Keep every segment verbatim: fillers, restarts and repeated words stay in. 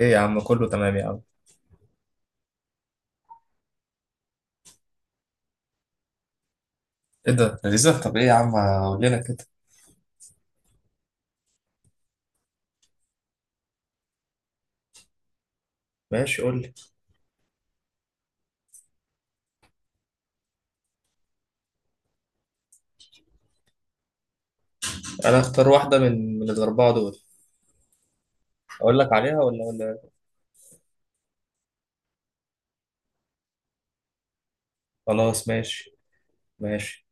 ايه يا عم، كله تمام يا عم. ايه ده لذيذة؟ طب ايه يا عم، قول لنا كده. ماشي قول لي. انا اختار واحده من من الاربعه دول. اقول لك عليها ولا ولا خلاص ماشي، ماشي،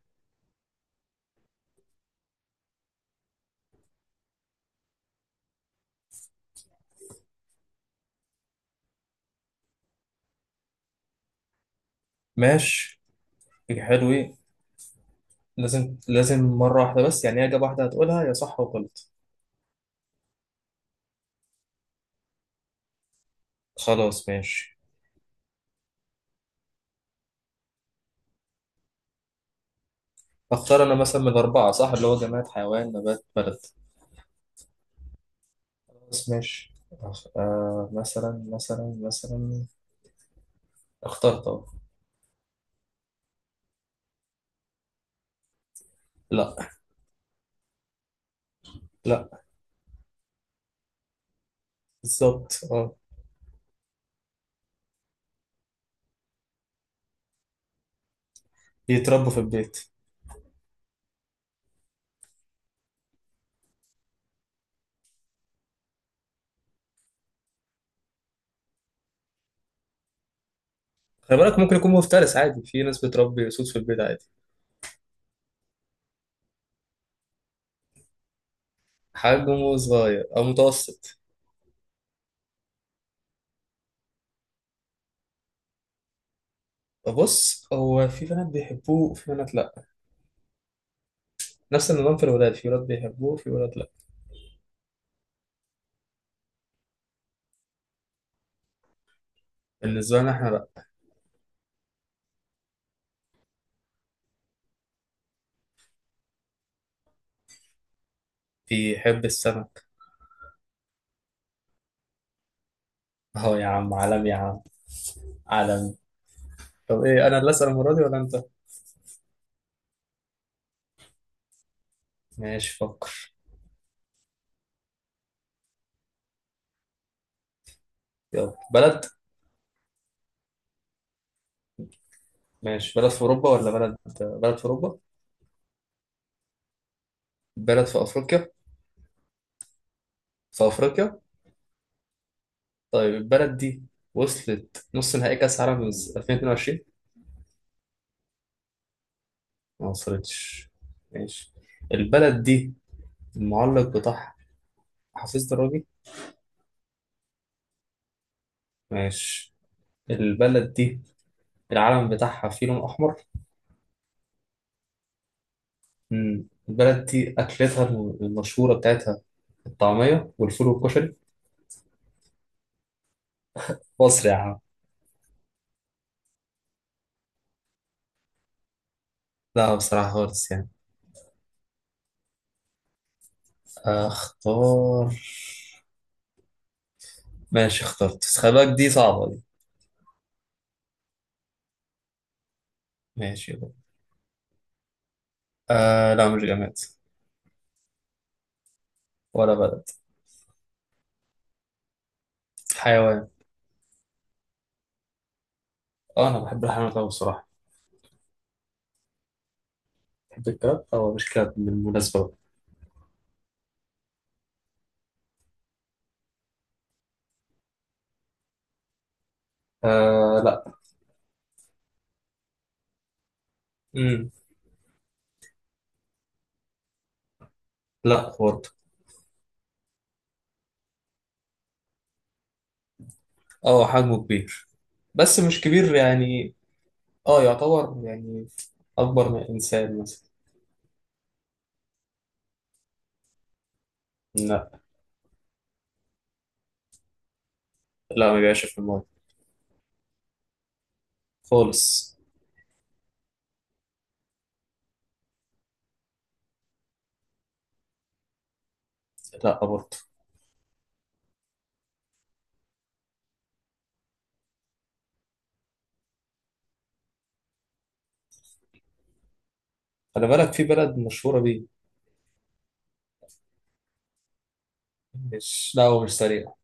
ماشي. إيه؟ حلو، ايه. لازم لازم مره واحده بس، يعني اجابه واحده هتقولها يا صح وغلط. خلاص ماشي. اختار انا مثلا من الاربعه، صح؟ اللي هو جماد، حيوان، نبات، بلد. خلاص ماشي. أخ... آه مثلا مثلا مثلا اخترت اهو. لا، لا. بالظبط، اه. يتربوا في البيت. خلي بالك، ممكن يكون مفترس عادي، في ناس بتربي اسود في البيت عادي. حجمه صغير او متوسط. بص، هو في بنات بيحبوه وفي بنات لا. نفس النظام في الولاد، في ولاد بيحبوه وفي ولاد لا. بالنسبه لنا احنا لا. بيحب السمك. اهو يا عم، عالم يا عم. عالم. طب ايه، انا اللي اسال المره دي ولا انت؟ ماشي فكر. يلا، بلد. ماشي، بلد في اوروبا ولا بلد بلد في اوروبا؟ بلد في افريقيا؟ في افريقيا. طيب البلد دي وصلت نص نهائي كاس عالم ألفين واتنين وعشرين؟ ما وصلتش، ماشي. البلد دي المعلق بتاعها حافظ دراجي؟ ماشي، البلد دي العلم بتاعها فيه لون أحمر؟ مم. البلد دي أكلتها الم- المشهورة بتاعتها الطعمية والفول والكشري. مصر يا عم. لا بصراحة خالص يعني. أختار. ماشي اخترت، بس خلي بالك دي صعبة دي. ماشي يلا. آه لا، مش جماد. ولا بلد. حيوان. اه، أنا بحب الحيوانات أوي بصراحة. بحب الكلاب، أو مش كلاب بالمناسبة. آه، لا. مم. لا خالص. اه، حجمه كبير، بس مش كبير يعني، اه يعتبر يعني. اكبر من انسان مثلا. لا. لا، ما بيبقاش في المايه. خالص. لا برضه. خلي بالك في بلد مشهورة بيه. مش، لا هو مش سريع.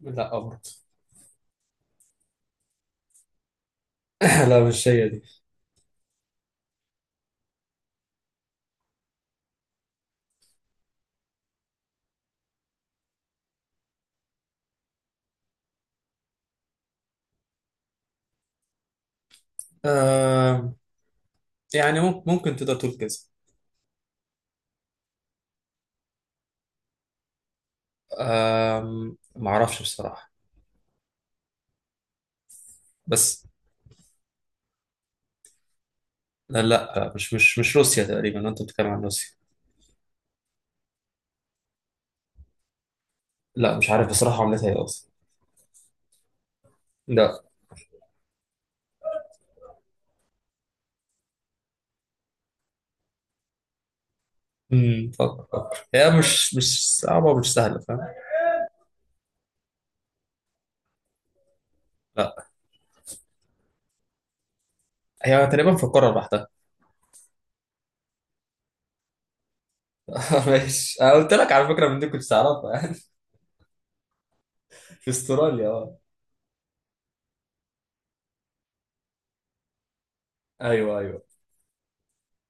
لا برضه. لا، مش هي دي. آم، يعني ممكن ممكن تقدر تقول كذا. آم، ما اعرفش بصراحة. بس، لا لا، مش مش مش روسيا، تقريبا انت بتتكلم عن روسيا. لا مش عارف بصراحة عملتها ايه اصلا. لا. امم فكر فكر. هي مش مش صعبة، مش سهلة، فاهم؟ لا، هي تقريبا في القارة لوحدها. ماشي، انا قلت لك على فكرة من دي كنت تعرفها يعني. في استراليا، اه. ايوه، ايوه.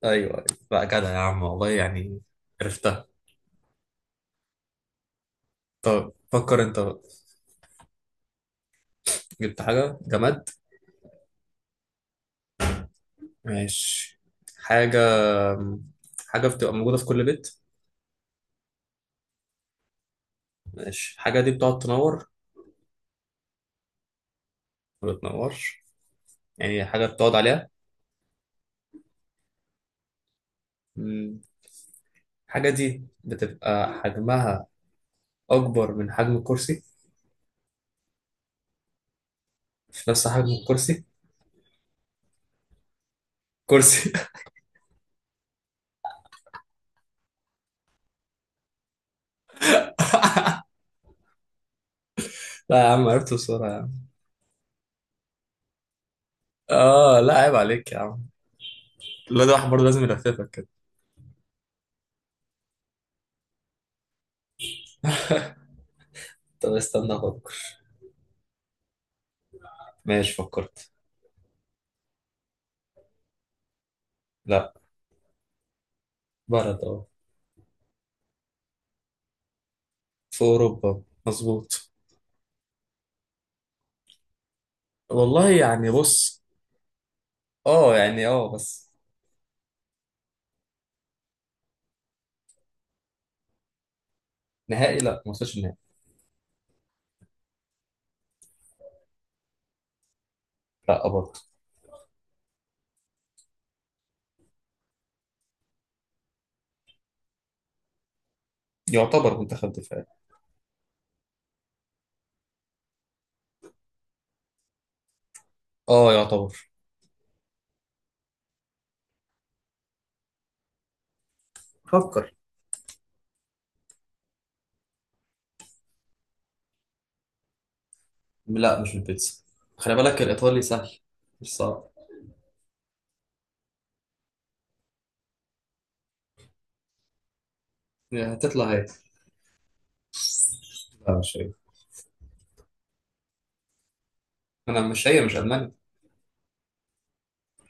ايوه، ايوه. لا جدع يا عم والله يعني. عرفتها. طب فكر انت بقى. جبت حاجة جماد؟ ماشي. حاجة. حاجة بتبقى موجودة في كل بيت. ماشي، الحاجة دي بتقعد تنور؟ ما بتنورش. يعني حاجة بتقعد عليها. مم. الحاجة دي بتبقى حجمها أكبر من حجم الكرسي؟ في نفس حجم الكرسي؟ كرسي. لا يا عم، عرفت بسرعة يا عم. اه، لا عيب عليك يا عم. الواد واحد برضه لازم يلففك كده. طب استنى افكر. ماشي فكرت. لا. بلد، اه. في اوروبا، مظبوط. والله يعني بص. اه يعني، اه بس. نهائي؟ لا، ما وصلش النهائي. لا برضه. يعتبر منتخب دفاعي. اه، يعتبر. فكر. لا، مش البيتزا. خلي بالك الايطالي سهل. مش صعب. يعني هتطلع هي؟ لا، مش هي. انا، مش هي، مش المانيا.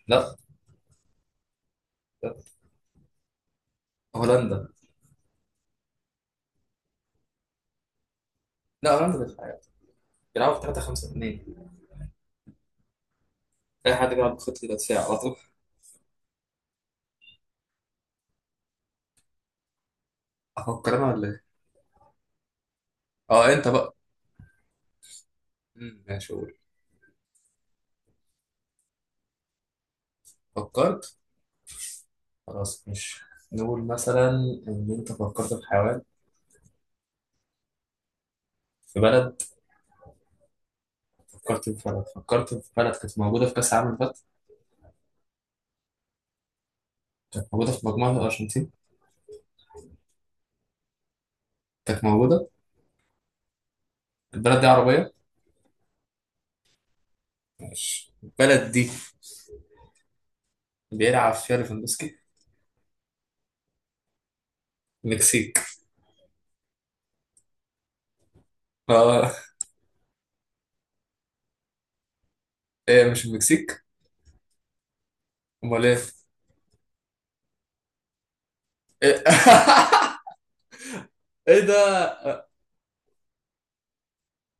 لا. لا. هولندا. لا، هولندا دفاعية. بيلعبوا ثلاثة خمسة اتنين. اي حد بيلعب بخطة دفاع. أفكر أنا ولا إيه؟ أه أنت بقى. مم، ماشي قول. فكرت. خلاص، مش. نقول مثلا. إن أنت فكرت في حيوان؟ في بلد. فكرت في بلد فكرت في بلد كانت موجودة في كأس العالم اللي فات. كانت موجودة في مجموعة الأرجنتين. كانت موجودة. البلد دي عربية؟ ماشي، البلد دي بيلعب فيها ليفاندوسكي؟ المكسيك؟ أه. إيه؟ مش المكسيك؟ أمال إيه؟ إيه؟ إيه ده؟ آه،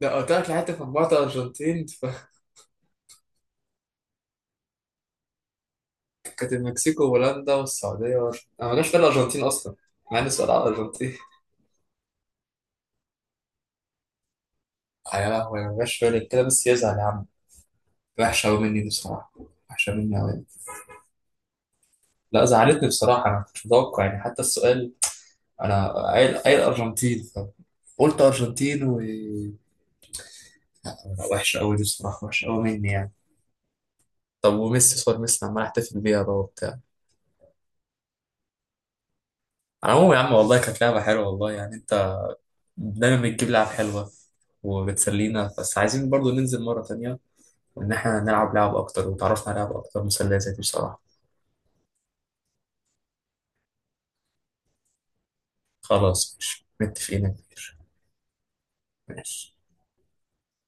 ده قلت لك لعبت في مجموعة الأرجنتين كانت المكسيك وهولندا والسعودية وأر- أنا ما جاش في بالي الأرجنتين أصلا. مع إني سؤال على الأرجنتين. آه، يا لهوي، أنا ما جاش في بالي كده، بس يزعل يا عم. وحشة أوي مني دي بصراحة. وحشة مني أوي. لا، زعلتني بصراحة، أنا ما كنتش متوقع يعني حتى السؤال. أنا. قايل قايل أرجنتين. قلت أرجنتين و. لا، وحشة أوي دي بصراحة، وحشة أوي مني يعني. طب وميسي، صور ميسي عمال احتفل بيها بقى وبتاع. على العموم يا عم والله، كانت لعبة حلوة والله يعني، أنت دايما بتجيب لعب حلوة وبتسلينا، بس عايزين برضو ننزل مرة تانية، إن إحنا نلعب لعب أكتر، وتعرفنا على لعب أكتر مسلية زي دي بصراحة. خلاص ماشي، متفقين يا كبير. ماشي